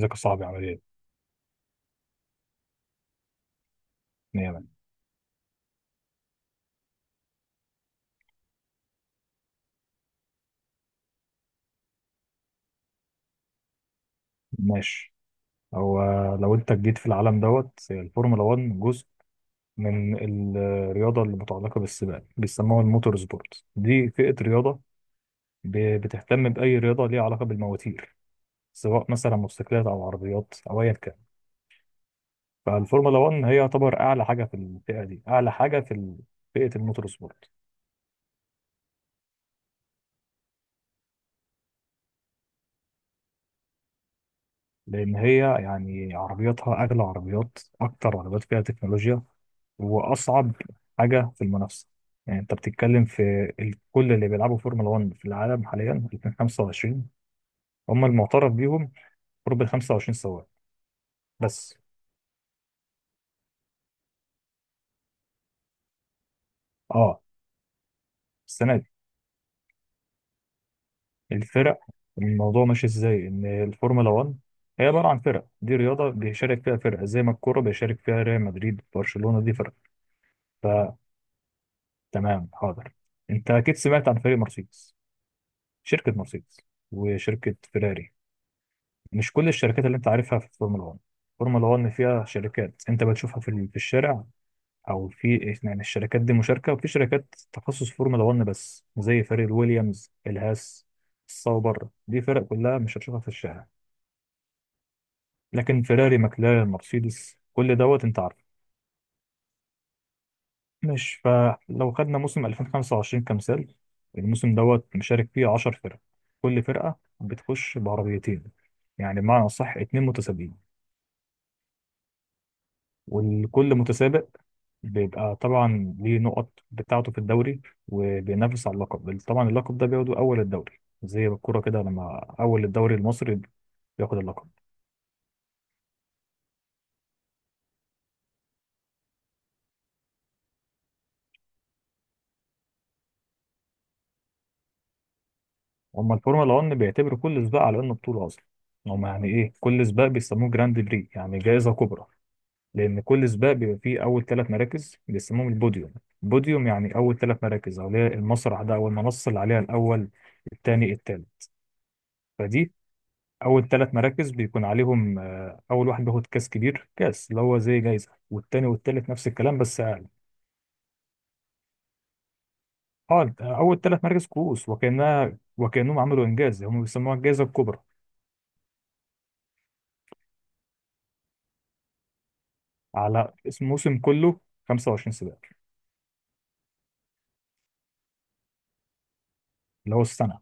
ذكاء صعب عمليا. نعم. ماشي. هو لو انت جيت في العالم دوت الفورمولا 1 جزء من الرياضة اللي متعلقة بالسباق بيسموها الموتور سبورت، دي فئة رياضة بتهتم بأي رياضة ليها علاقة بالمواتير، سواء مثلا موتوسيكلات أو عربيات أو أيا كان. فالفورمولا 1 هي يعتبر أعلى حاجة في الفئة دي، أعلى حاجة في فئة الموتور سبورت. لأن هي يعني عربياتها أغلى عربيات، أكتر عربيات فيها تكنولوجيا، وأصعب حاجة في المنافسة. يعني أنت بتتكلم في كل اللي بيلعبوا فورمولا 1 في العالم حاليا 2025، هم المعترف بيهم قرب ال 25 سواق بس. أه، السنة دي. الفرق، الموضوع ماشي إزاي، إن الفورمولا 1 هي عبارة عن فرق. دي رياضة بيشارك فيها فرق، زي ما الكورة بيشارك فيها ريال مدريد، برشلونة، دي فرق. فتمام، حاضر. أنت أكيد سمعت عن فريق مرسيدس، شركة مرسيدس، وشركة فيراري. مش كل الشركات اللي انت عارفها في الفورمولا 1. الفورمولا 1 فيها شركات انت بتشوفها في في الشارع او في، يعني الشركات دي مشاركة. وفي شركات تخصص فورمولا 1 بس، زي فريق الويليامز، الهاس، الصوبر، دي فرق كلها مش هتشوفها في الشارع. لكن فيراري، ماكلارين، مرسيدس، كل دوت انت عارفه. مش، فلو خدنا موسم 2025 كمثال، الموسم دوت مشارك فيه 10 فرق. كل فرقة بتخش بعربيتين، يعني بمعنى أصح 2 متسابقين. والكل متسابق بيبقى طبعا ليه نقط بتاعته في الدوري، وبينافس على اللقب. طبعا اللقب ده بياخده أول الدوري، زي الكورة كده لما أول الدوري المصري بياخد اللقب. هما الفورمولا 1 بيعتبروا كل سباق على إنه بطولة أصلا. هما يعني إيه، كل سباق بيسموه جراند بري، يعني جائزة كبرى، لأن كل سباق بيبقى فيه أول ثلاث مراكز بيسموهم البوديوم. بوديوم يعني أول ثلاث مراكز، أو اللي هي المسرح ده، أو المنصة اللي عليها الأول، الثاني، الثالث. فدي اول ثلاث مراكز بيكون عليهم، اول واحد بياخد كاس كبير، كاس اللي هو زي جايزه، والتاني والتالت نفس الكلام بس اقل. اه، اول ثلاث مراكز كؤوس، وكانها وكانهم عملوا انجاز، هم بيسموها الجائزه الكبرى. على اسم موسم كله 25 سباق، اللي هو السنه.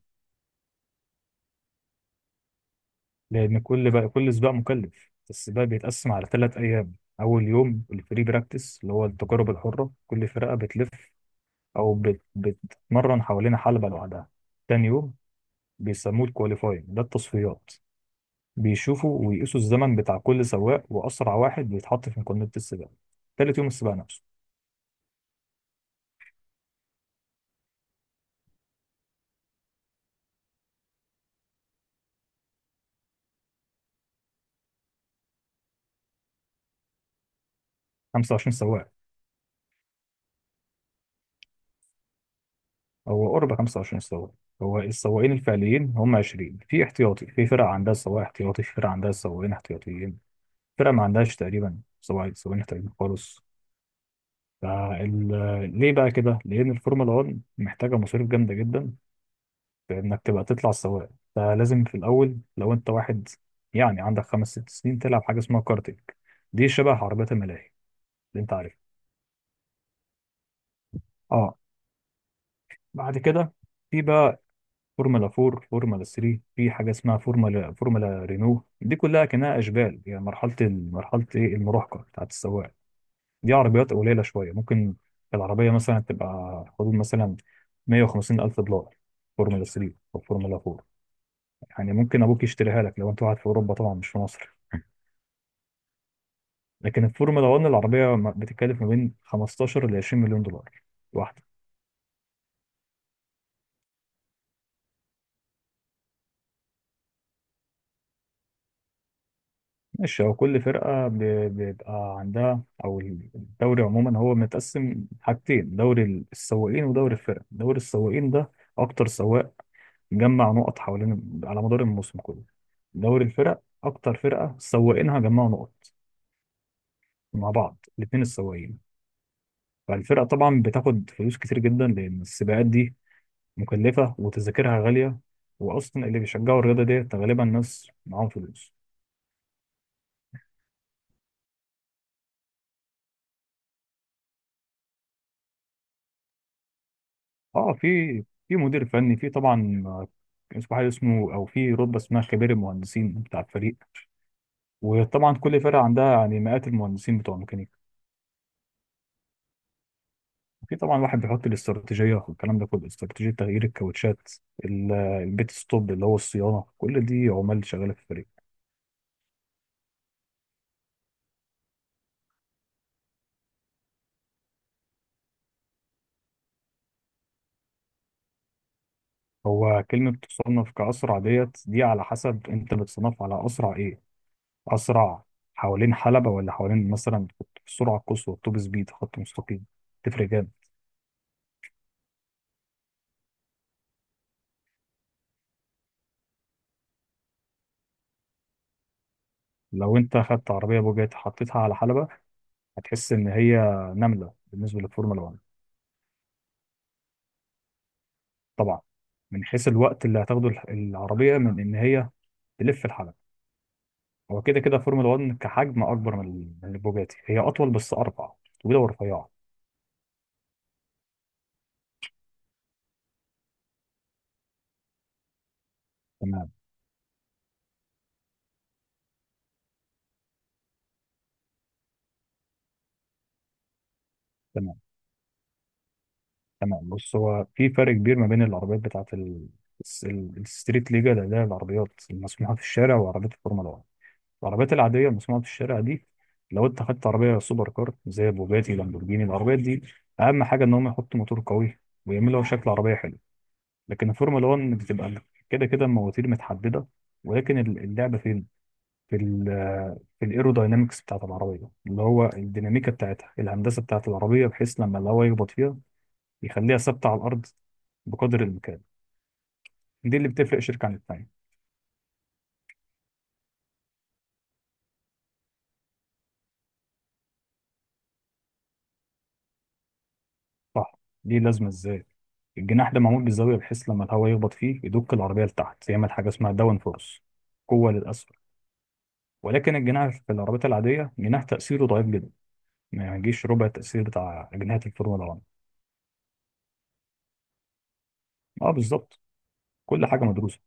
لان كل سباق مكلف. السباق بيتقسم على 3 ايام. اول يوم الفري براكتس، اللي هو التجارب الحره، كل فرقه بتلف او بتتمرن حوالين حلبه لوحدها. تاني يوم بيسموه الكواليفاينج، ده التصفيات، بيشوفوا ويقيسوا الزمن بتاع كل سواق، وأسرع واحد بيتحط في مقارنة السباق. تالت يوم السباق نفسه. 25 سواق. هو قرب 25 سواق. هو السواقين الفعليين هم 20، في احتياطي، في فرق عندها سواق احتياطي، في فرق عندها سواقين احتياطيين، فرق ما عندهاش تقريبا سواق سواقين احتياطيين خالص. فال... ليه بقى كده؟ لأن الفورمولا 1 محتاجة مصاريف جامدة جدا في إنك تبقى تطلع سواق. فلازم في الأول، لو أنت واحد يعني عندك خمس ست سنين، تلعب حاجة اسمها كارتينج. دي شبه عربيات الملاهي اللي انت عارفه. اه، بعد كده في بقى فورمولا 4، فورمولا 3، في حاجه اسمها فورمولا رينو. دي كلها كانها اشبال، يعني مرحله مرحله ايه، المراهقه بتاعت السواق. دي عربيات قليله شويه. ممكن العربيه مثلا تبقى حدود مثلا 150 الف دولار، فورمولا 3 او فورمولا 4. يعني ممكن ابوك يشتريها لك لو انت قاعد في اوروبا، طبعا مش في مصر. لكن الفورمولا 1 العربيه بتتكلف ما بين 15 ل 20 مليون دولار واحده. ماشي، هو كل فرقة بيبقى عندها، أو الدوري عموما هو متقسم حاجتين: دوري السواقين ودوري الفرق. دوري السواقين ده أكتر سواق جمع نقط حوالين على مدار الموسم كله. دوري الفرق أكتر فرقة سواقينها جمعوا نقط مع بعض، الاتنين السواقين. فالفرقة طبعا بتاخد فلوس كتير جدا، لأن السباقات دي مكلفة وتذاكرها غالية، وأصلا اللي بيشجعوا الرياضة ديت غالبا ناس معاهم فلوس. اه، في مدير فني، في طبعا اسمه حاجه، اسمه او في رتبه اسمها خبير المهندسين بتاع الفريق. وطبعا كل فرقه عندها يعني مئات المهندسين بتوع الميكانيكا. في طبعا واحد بيحط الاستراتيجيه والكلام ده كله، استراتيجيه تغيير الكاوتشات، البيت ستوب اللي هو الصيانه. كل دي عمال شغاله في الفريق. هو كلمه تصنف كاسرع ديت، دي على حسب انت بتصنف على اسرع ايه، اسرع حوالين حلبه، ولا حوالين مثلا في السرعه القصوى، التوب سبيد، خط مستقيم، تفرق. لو انت خدت عربيه بوجاتي حطيتها على حلبه، هتحس ان هي نمله بالنسبه للفورمولا 1. طبعا من حيث الوقت اللي هتاخده العربيه من ان هي تلف الحلبه. هو كده كده فورمولا 1 كحجم اكبر من من البوجاتي، هي اطول بس اربع، طويله ورفيعه. تمام، تمام، تمام. بص، هو في فرق كبير ما بين العربيات بتاعت الستريت ليجا اللي هي العربيات المسموحه في الشارع، وعربيات الفورمولا 1. العربيات العادية المصنوعة في الشارع دي، لو انت خدت عربية سوبر كار زي بوجاتي، لامبورجيني، العربيات دي أهم حاجة إن هم يحطوا موتور قوي، ويعملوا شكل عربية حلو. لكن الفورمولا 1 بتبقى كده كده المواتير متحددة. ولكن اللعبة فين؟ في ال في الايروداينامكس بتاعت العربية، اللي هو الديناميكا بتاعتها، الهندسة بتاعت العربية، بحيث لما الهواء يخبط فيها يخليها ثابتة على الأرض بقدر الإمكان. دي اللي بتفرق شركة عن التانية. صح. دي لازمة ازاي، الجناح ده معمول بالزاوية بحيث لما الهواء يخبط فيه يدك العربية لتحت، يعمل حاجة اسمها داون فورس، قوة للأسفل. ولكن الجناح في العربيات العادية جناح تأثيره ضعيف جدا، ما يجيش ربع التأثير بتاع أجنحة الفورمولا 1. اه، بالظبط، كل حاجة مدروسة.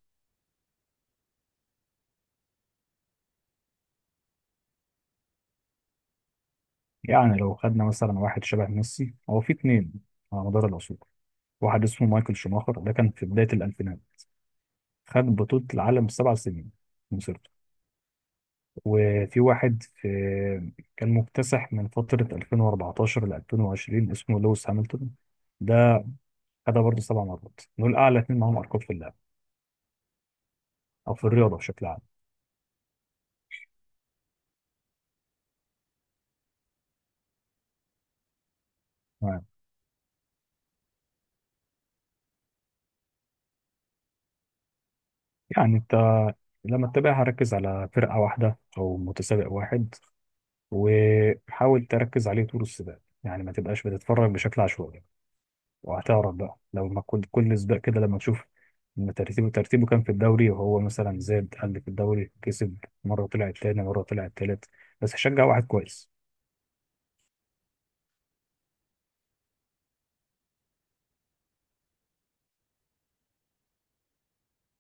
يعني لو خدنا مثلا واحد شبه ميسي، هو في اتنين على مدار العصور. واحد اسمه مايكل شوماخر، ده كان في بداية الألفينات، خد بطولة العالم 7 سنين في مسيرته. وفي واحد في كان مكتسح من فترة 2014 ل 2020 اسمه لويس هامilton، ده خدها برضه 7 مرات. دول أعلى اتنين معاهم أرقام في اللعب أو في الرياضة بشكل عام. تمام. يعني أنت لما تتابعها ركز على فرقة واحدة أو متسابق واحد، وحاول تركز عليه طول السباق، يعني ما تبقاش بتتفرج بشكل عشوائي. وهتعرف بقى لو ما كل سباق كده لما تشوف ان ترتيبه كان في الدوري، وهو مثلا زاد قل في الدوري، كسب مره طلع تاني، مره طلع تالت، بس هشجع واحد كويس.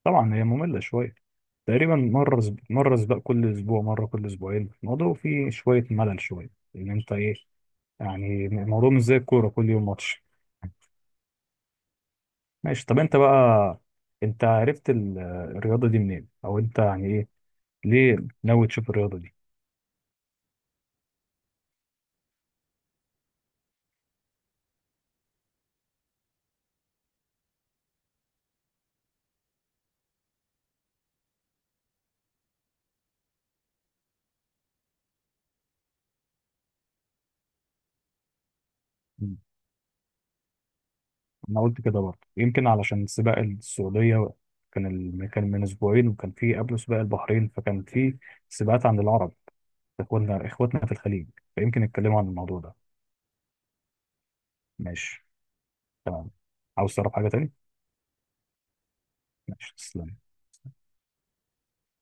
طبعا هي ممله شويه، تقريبا مره سباق كل اسبوع، مره كل اسبوعين، الموضوع فيه شويه ملل شويه. ان انت ايه، يعني الموضوع مش زي الكوره كل يوم ماتش. ماشي، طب انت بقى، انت عرفت الرياضه دي منين، او انت يعني ايه، ليه ناوي تشوف الرياضه دي؟ انا قلت كده برضه يمكن علشان سباق السعوديه كان كان من اسبوعين، وكان في قبله سباق البحرين، فكان في سباقات عند العرب، اخواتنا في الخليج. فيمكن نتكلموا عن الموضوع ده. ماشي. تمام، عاوز تعرف حاجه تاني؟ ماشي، تسلم.